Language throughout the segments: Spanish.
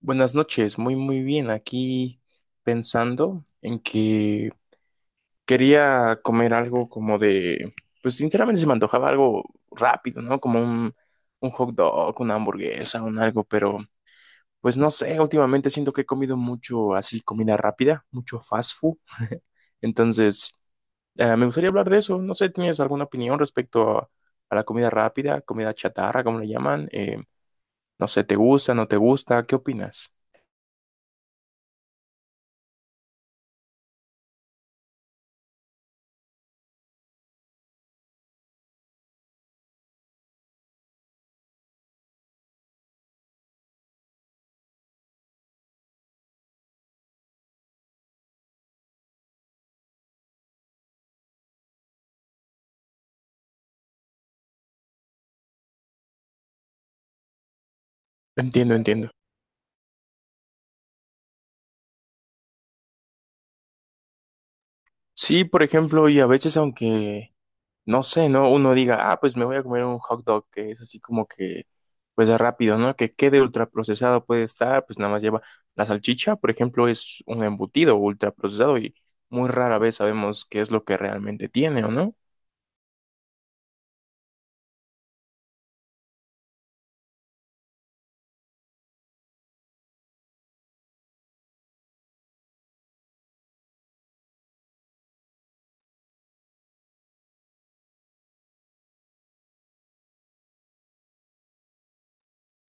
Buenas noches, muy muy bien. Aquí pensando en que quería comer algo pues sinceramente se me antojaba algo rápido, ¿no? Un hot dog, una hamburguesa, un algo, pero pues no sé, últimamente siento que he comido mucho así, comida rápida, mucho fast food. Entonces, me gustaría hablar de eso. No sé, ¿tienes alguna opinión respecto a la comida rápida, comida chatarra, como le llaman? No sé, ¿te gusta, no te gusta? ¿Qué opinas? Entiendo, entiendo. Sí, por ejemplo, y a veces no sé, ¿no? Uno diga, ah, pues me voy a comer un hot dog, que es así como pues de rápido, ¿no? Que quede ultraprocesado puede estar, pues nada más lleva la salchicha, por ejemplo, es un embutido ultraprocesado y muy rara vez sabemos qué es lo que realmente tiene, ¿o no?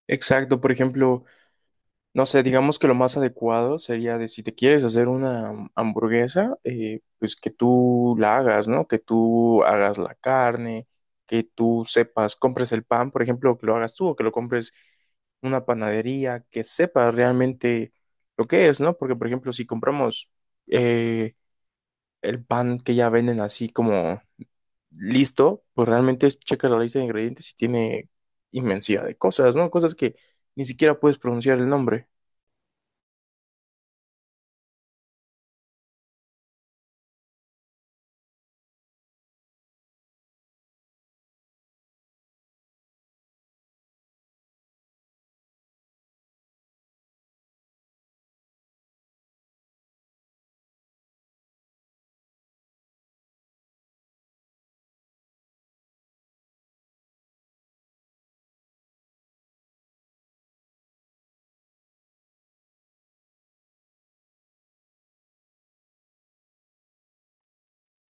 Exacto, por ejemplo, no sé, digamos que lo más adecuado sería de si te quieres hacer una hamburguesa, pues que tú la hagas, ¿no? Que tú hagas la carne, que tú sepas, compres el pan, por ejemplo, que lo hagas tú o que lo compres una panadería, que sepas realmente lo que es, ¿no? Porque, por ejemplo, si compramos eh, el pan que ya venden así como listo, pues realmente es checas la lista de ingredientes y tiene inmensidad de cosas, ¿no? Cosas que ni siquiera puedes pronunciar el nombre.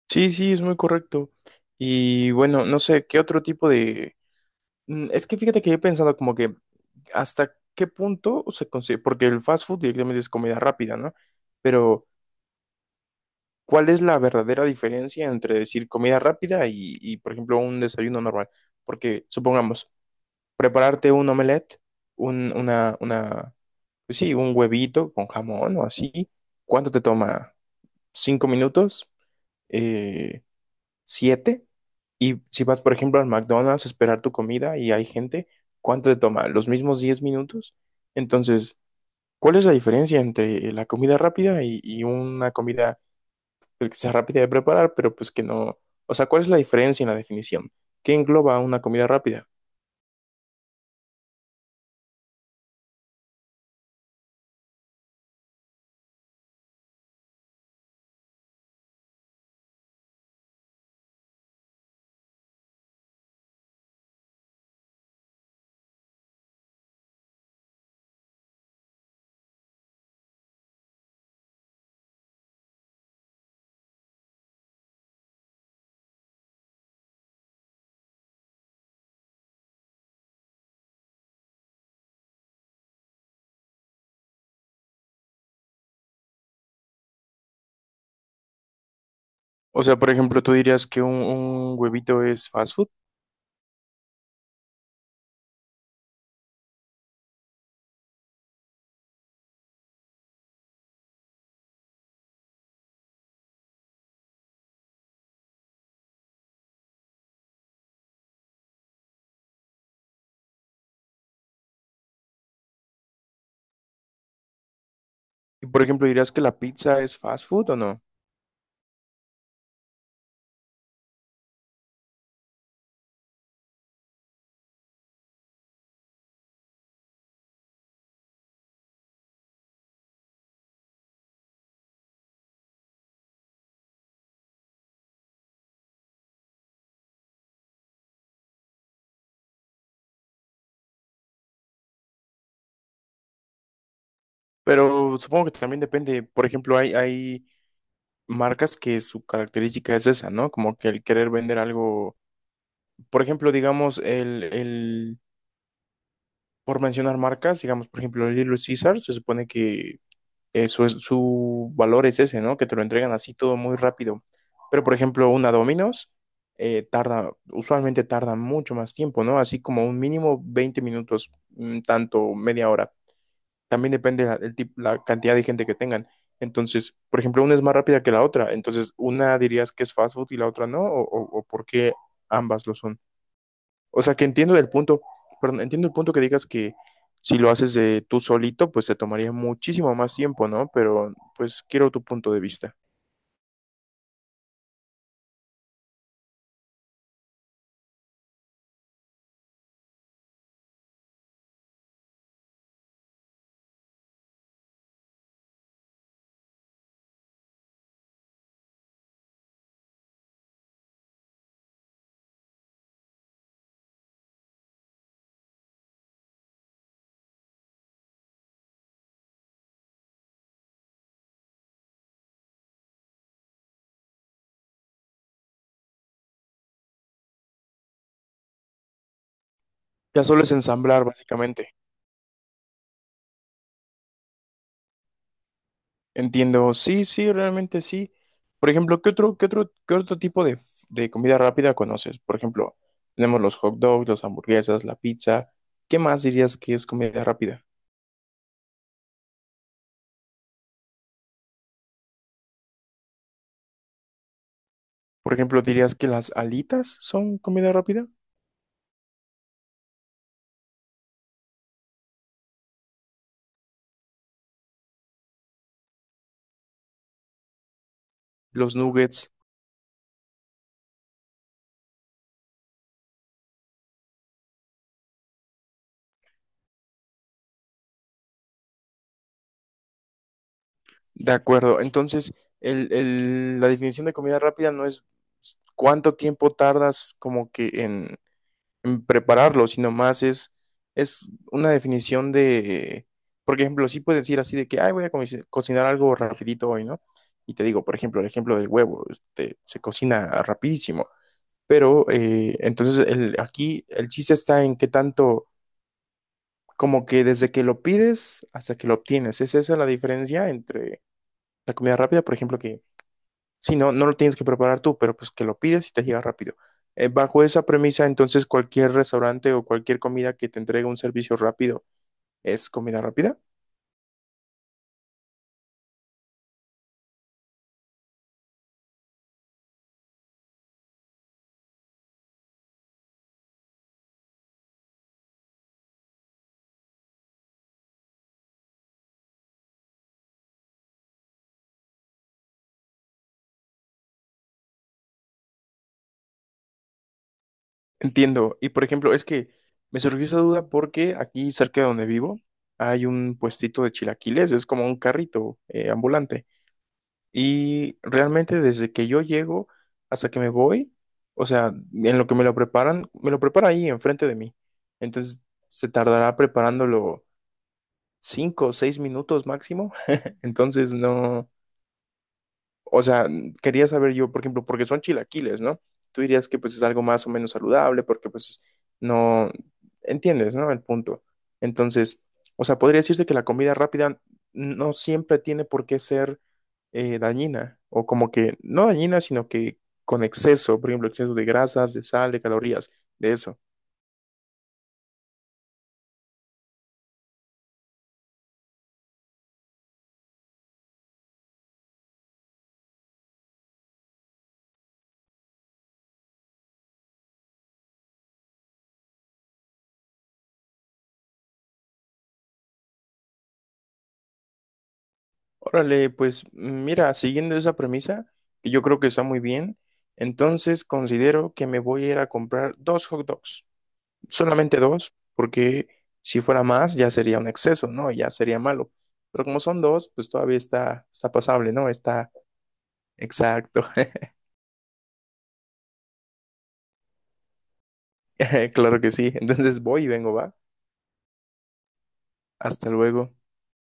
Sí, sí, es muy correcto. Y bueno, no sé, ¿qué otro tipo de...? Es que fíjate que he pensado como que hasta qué punto se consigue, porque el fast food directamente es comida rápida, ¿no? Pero, ¿cuál es la verdadera diferencia entre decir comida rápida por ejemplo, un desayuno normal? Porque, supongamos, prepararte un omelette, un, una, una, pues sí, un huevito con jamón o así, ¿cuánto te toma? ¿Cinco minutos? Eh, siete. Y si vas, por ejemplo, al McDonald's a esperar tu comida y hay gente, ¿cuánto te toma? ¿Los mismos 10 minutos? Entonces, ¿cuál es la diferencia entre la comida rápida y una comida pues, que sea rápida de preparar, pero pues que no? O sea, ¿cuál es la diferencia en la definición? ¿Qué engloba una comida rápida? O sea, por ejemplo, ¿tú dirías que un huevito es fast food? Y por ejemplo, ¿dirías que la pizza es fast food o no? Pero supongo que también depende. Por ejemplo, hay marcas que su característica es esa, ¿no? Como que el querer vender algo, por ejemplo, digamos, por mencionar marcas, digamos, por ejemplo, el Little Caesar, se supone que eso es, su valor es ese, ¿no? Que te lo entregan así todo muy rápido. Pero, por ejemplo, una Domino's, usualmente tarda mucho más tiempo, ¿no? Así como un mínimo 20 minutos, tanto media hora. También depende la cantidad de gente que tengan. Entonces, por ejemplo, una es más rápida que la otra. Entonces, una dirías que es fast food y la otra no, o por qué ambas lo son. O sea, que entiendo el punto, perdón, entiendo el punto que digas que si lo haces de tú solito, pues te tomaría muchísimo más tiempo, ¿no? Pero, pues, quiero tu punto de vista. Ya solo es ensamblar, básicamente. Entiendo, sí, sí, realmente sí. Por ejemplo, ¿qué otro tipo de, de comida rápida conoces? Por ejemplo, tenemos los hot dogs, las hamburguesas, la pizza. ¿Qué más dirías que es comida rápida? Por ejemplo, ¿dirías que las alitas son comida rápida? Los nuggets, de acuerdo. Entonces, la definición de comida rápida no es cuánto tiempo tardas como que en prepararlo, es una definición de, por ejemplo, sí puedes decir así de que, ay, cocinar algo rapidito hoy, ¿no? Y te digo, por ejemplo, el ejemplo del huevo, este, se cocina rapidísimo, pero aquí el chiste está en qué tanto, como que desde que lo pides hasta que lo obtienes, es esa la diferencia entre la comida rápida, por ejemplo, que si no lo tienes que preparar tú, pero pues que lo pides y te llega rápido. Bajo esa premisa, entonces cualquier restaurante o cualquier comida que te entregue un servicio rápido es comida rápida. Entiendo. Y por ejemplo, es que me surgió esa duda porque aquí cerca de donde vivo hay un puestito de chilaquiles, es como un carrito ambulante. Y realmente desde que yo llego hasta que me voy, o sea, en lo que me lo preparan, me lo prepara ahí enfrente de mí. Entonces se tardará preparándolo cinco o seis minutos máximo. Entonces no, o sea, quería saber yo, por ejemplo, porque son chilaquiles, ¿no? Tú dirías que pues es algo más o menos saludable porque pues no entiendes, ¿no? El punto. Entonces, o sea, podría decirse que la comida rápida no siempre tiene por qué ser dañina o como que no dañina, sino que con exceso, por ejemplo, exceso de grasas, de sal, de calorías, de eso. Órale, pues mira, siguiendo esa premisa, que yo creo que está muy bien, entonces considero que me voy a ir a comprar dos hot dogs. Solamente dos, porque si fuera más ya sería un exceso, ¿no? Ya sería malo. Pero como son dos, pues todavía está, está pasable, ¿no? Está exacto. Claro que sí. Entonces voy y vengo, va. Hasta luego.